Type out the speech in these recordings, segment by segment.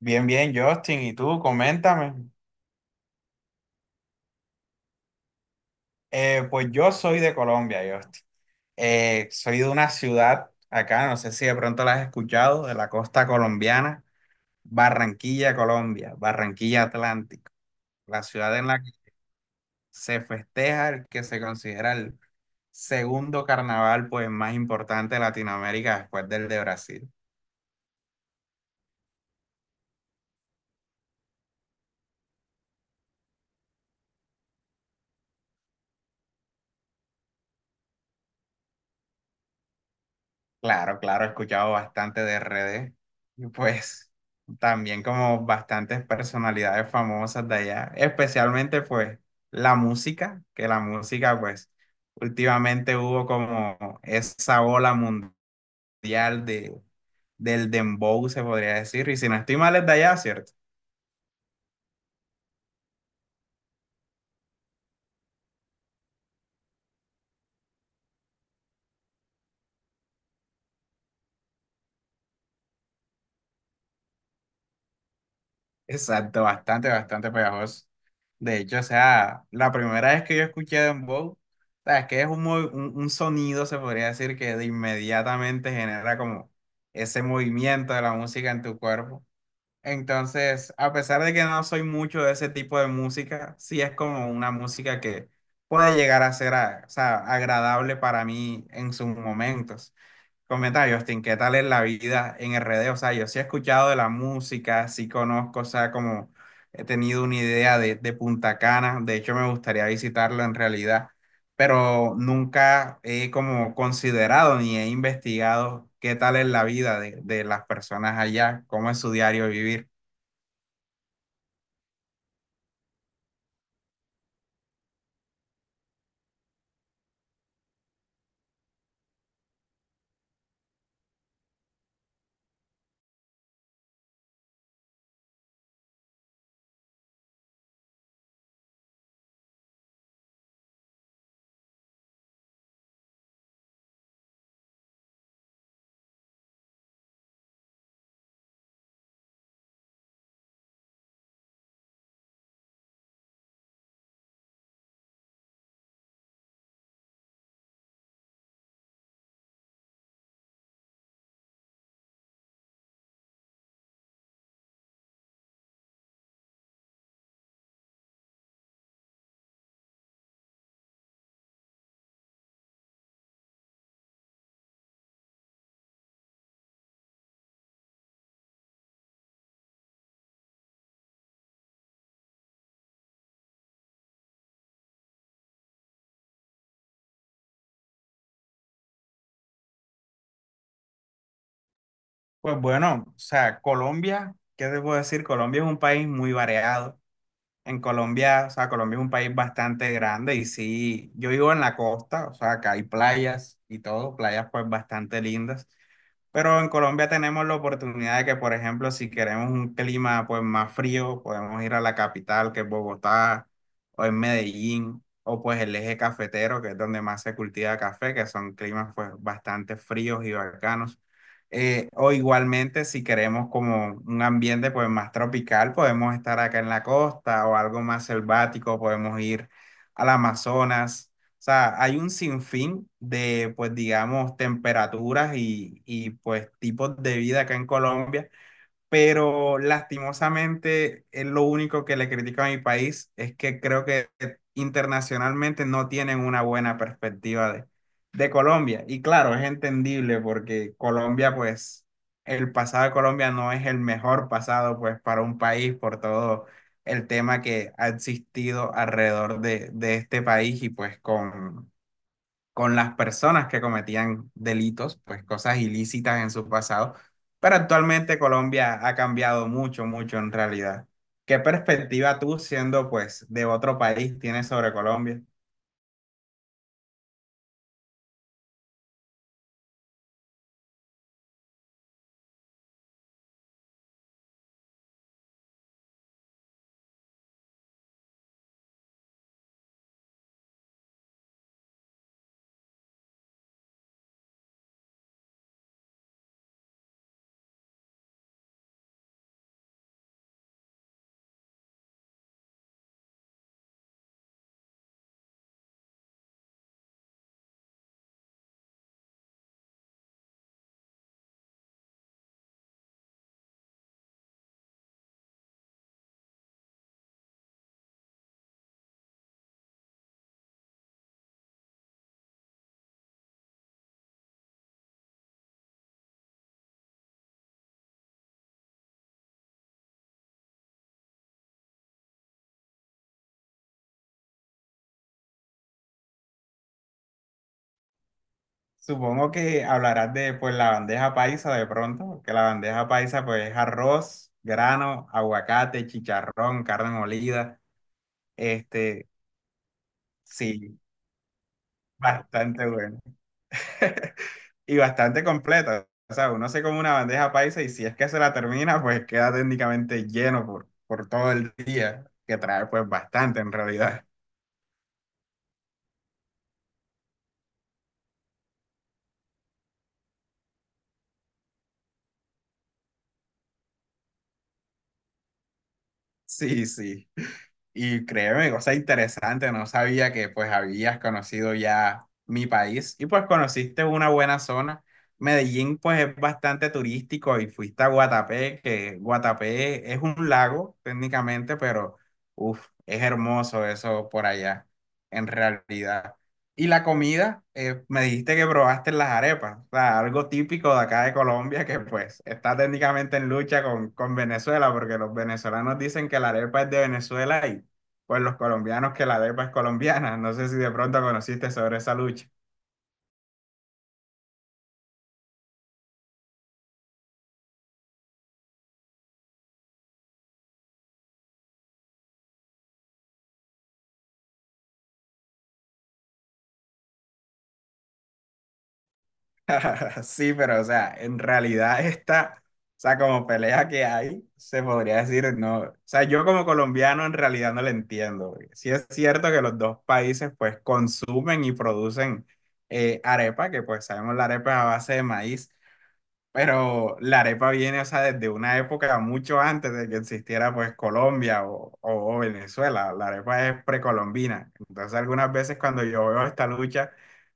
Bien, bien, Justin. ¿Y tú? Coméntame. Pues yo soy de Colombia, Justin. Soy de una ciudad acá, no sé si de pronto la has escuchado, de la costa colombiana, Barranquilla, Colombia, Barranquilla Atlántico, la ciudad en la que se festeja el que se considera el segundo carnaval pues, más importante de Latinoamérica después del de Brasil. Claro, claro, he escuchado bastante de R D y pues también como bastantes personalidades famosas de allá, especialmente pues la música, que la música pues últimamente hubo como esa ola mundial del dembow, se podría decir, y si no estoy mal es de allá, ¿cierto? Exacto, bastante, bastante pegajoso. De hecho, o sea, la primera vez que yo escuché Dembow, o sea, es que es un sonido, se podría decir, que de inmediatamente genera como ese movimiento de la música en tu cuerpo. Entonces, a pesar de que no soy mucho de ese tipo de música, sí es como una música que puede llegar a ser, o sea, agradable para mí en sus momentos. Comenta Justin, ¿qué tal es la vida en RD? O sea, yo sí he escuchado de la música, sí conozco, o sea, como he tenido una idea de Punta Cana, de hecho me gustaría visitarlo en realidad, pero nunca he como considerado ni he investigado qué tal es la vida de las personas allá, cómo es su diario vivir. Pues bueno, o sea, Colombia, ¿qué te puedo decir? Colombia es un país muy variado. En Colombia, o sea, Colombia es un país bastante grande y sí, yo vivo en la costa, o sea, acá hay playas y todo, playas pues bastante lindas, pero en Colombia tenemos la oportunidad de que, por ejemplo, si queremos un clima pues más frío, podemos ir a la capital, que es Bogotá, o en Medellín, o pues el eje cafetero, que es donde más se cultiva café, que son climas pues bastante fríos y bacanos. O igualmente, si queremos como un ambiente pues más tropical, podemos estar acá en la costa o algo más selvático, podemos ir al Amazonas. O sea, hay un sinfín de, pues digamos, temperaturas y pues tipos de vida acá en Colombia, pero lastimosamente es lo único que le critico a mi país, es que creo que internacionalmente no tienen una buena perspectiva de Colombia. Y claro, es entendible porque Colombia, pues, el pasado de Colombia no es el mejor pasado, pues, para un país por todo el tema que ha existido alrededor de este país y pues con las personas que cometían delitos, pues cosas ilícitas en su pasado, pero actualmente Colombia ha cambiado mucho, mucho en realidad. ¿Qué perspectiva tú, siendo pues de otro país, tienes sobre Colombia? Supongo que hablarás de pues la bandeja paisa de pronto, que la bandeja paisa pues es arroz, grano, aguacate, chicharrón, carne molida, este, sí, bastante bueno. Y bastante completa. O sea, uno se como una bandeja paisa y si es que se la termina, pues queda técnicamente lleno por todo el día, que trae pues bastante en realidad. Sí, sí. Y créeme, cosa interesante, no sabía que pues habías conocido ya mi país y pues conociste una buena zona. Medellín pues es bastante turístico y fuiste a Guatapé, que Guatapé es un lago técnicamente, pero uff, es hermoso eso por allá, en realidad. Y la comida, me dijiste que probaste las arepas, o sea, algo típico de acá de Colombia que pues está técnicamente en lucha con Venezuela, porque los venezolanos dicen que la arepa es de Venezuela y pues los colombianos que la DEPA es colombiana. No sé si de pronto conociste sobre esa lucha. Sí, pero o sea, en realidad esta, o sea, como pelea que hay, se podría decir, no, o sea, yo como colombiano en realidad no la entiendo, porque sí es cierto que los dos países pues consumen y producen arepa, que pues sabemos la arepa es a base de maíz. Pero la arepa viene, o sea, desde una época mucho antes de que existiera pues Colombia o Venezuela. La arepa es precolombina. Entonces algunas veces cuando yo veo esta lucha,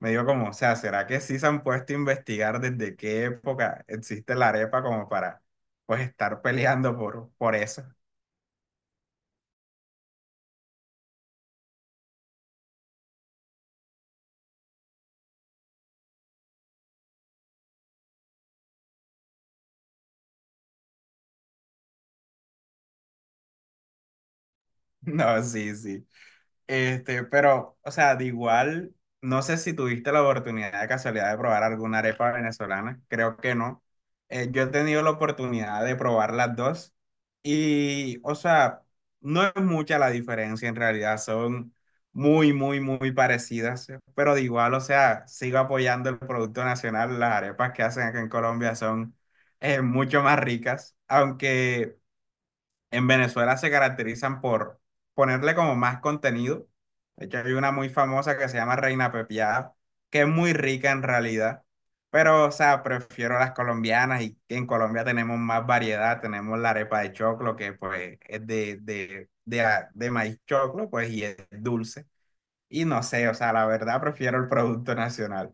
me digo como, o sea, ¿será que sí se han puesto a investigar desde qué época existe la arepa como para pues estar peleando por eso? No, sí, sí. Este, pero, o sea, de igual, no sé si tuviste la oportunidad de casualidad de probar alguna arepa venezolana, creo que no. Yo he tenido la oportunidad de probar las dos y, o sea, no es mucha la diferencia en realidad, son muy, muy, muy parecidas, pero de igual, o sea, sigo apoyando el producto nacional, las arepas que hacen acá en Colombia son mucho más ricas, aunque en Venezuela se caracterizan por ponerle como más contenido. De hecho, hay una muy famosa que se llama Reina Pepiada, que es muy rica en realidad. Pero, o sea, prefiero las colombianas y en Colombia tenemos más variedad. Tenemos la arepa de choclo, que pues es de maíz choclo, pues y es dulce. Y no sé, o sea, la verdad prefiero el producto nacional.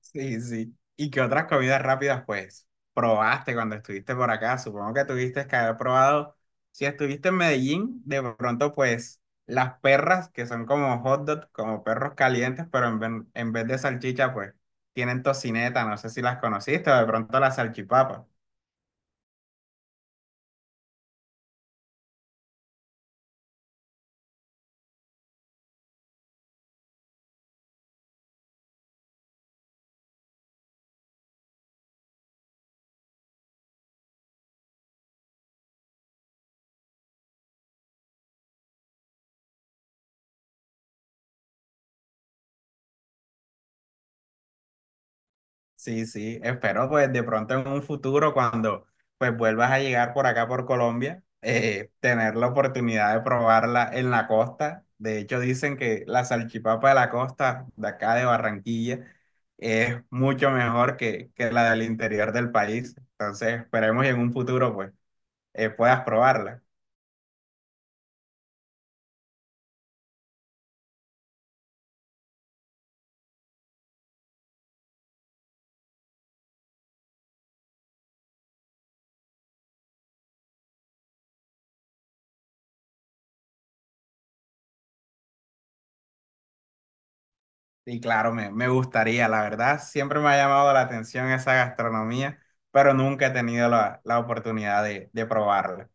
Sí, sí. ¿Y qué otras comidas rápidas, pues, probaste cuando estuviste por acá? Supongo que tuviste que haber probado, si estuviste en Medellín, de pronto, pues, las perras, que son como hot dogs, como perros calientes, pero en vez de salchicha, pues, tienen tocineta, no sé si las conociste, o de pronto la salchipapa. Sí, sí, espero pues de pronto en un futuro cuando pues vuelvas a llegar por acá por Colombia, tener la oportunidad de probarla en la costa. De hecho dicen que la salchipapa de la costa de acá de Barranquilla es mucho mejor que la del interior del país. Entonces esperemos y en un futuro pues puedas probarla. Y claro, me gustaría, la verdad, siempre me ha llamado la atención esa gastronomía, pero nunca he tenido la oportunidad de probarla.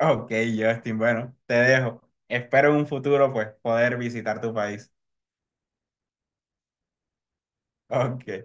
Ok, Justin, bueno, te dejo. Espero en un futuro pues poder visitar tu país. Ok.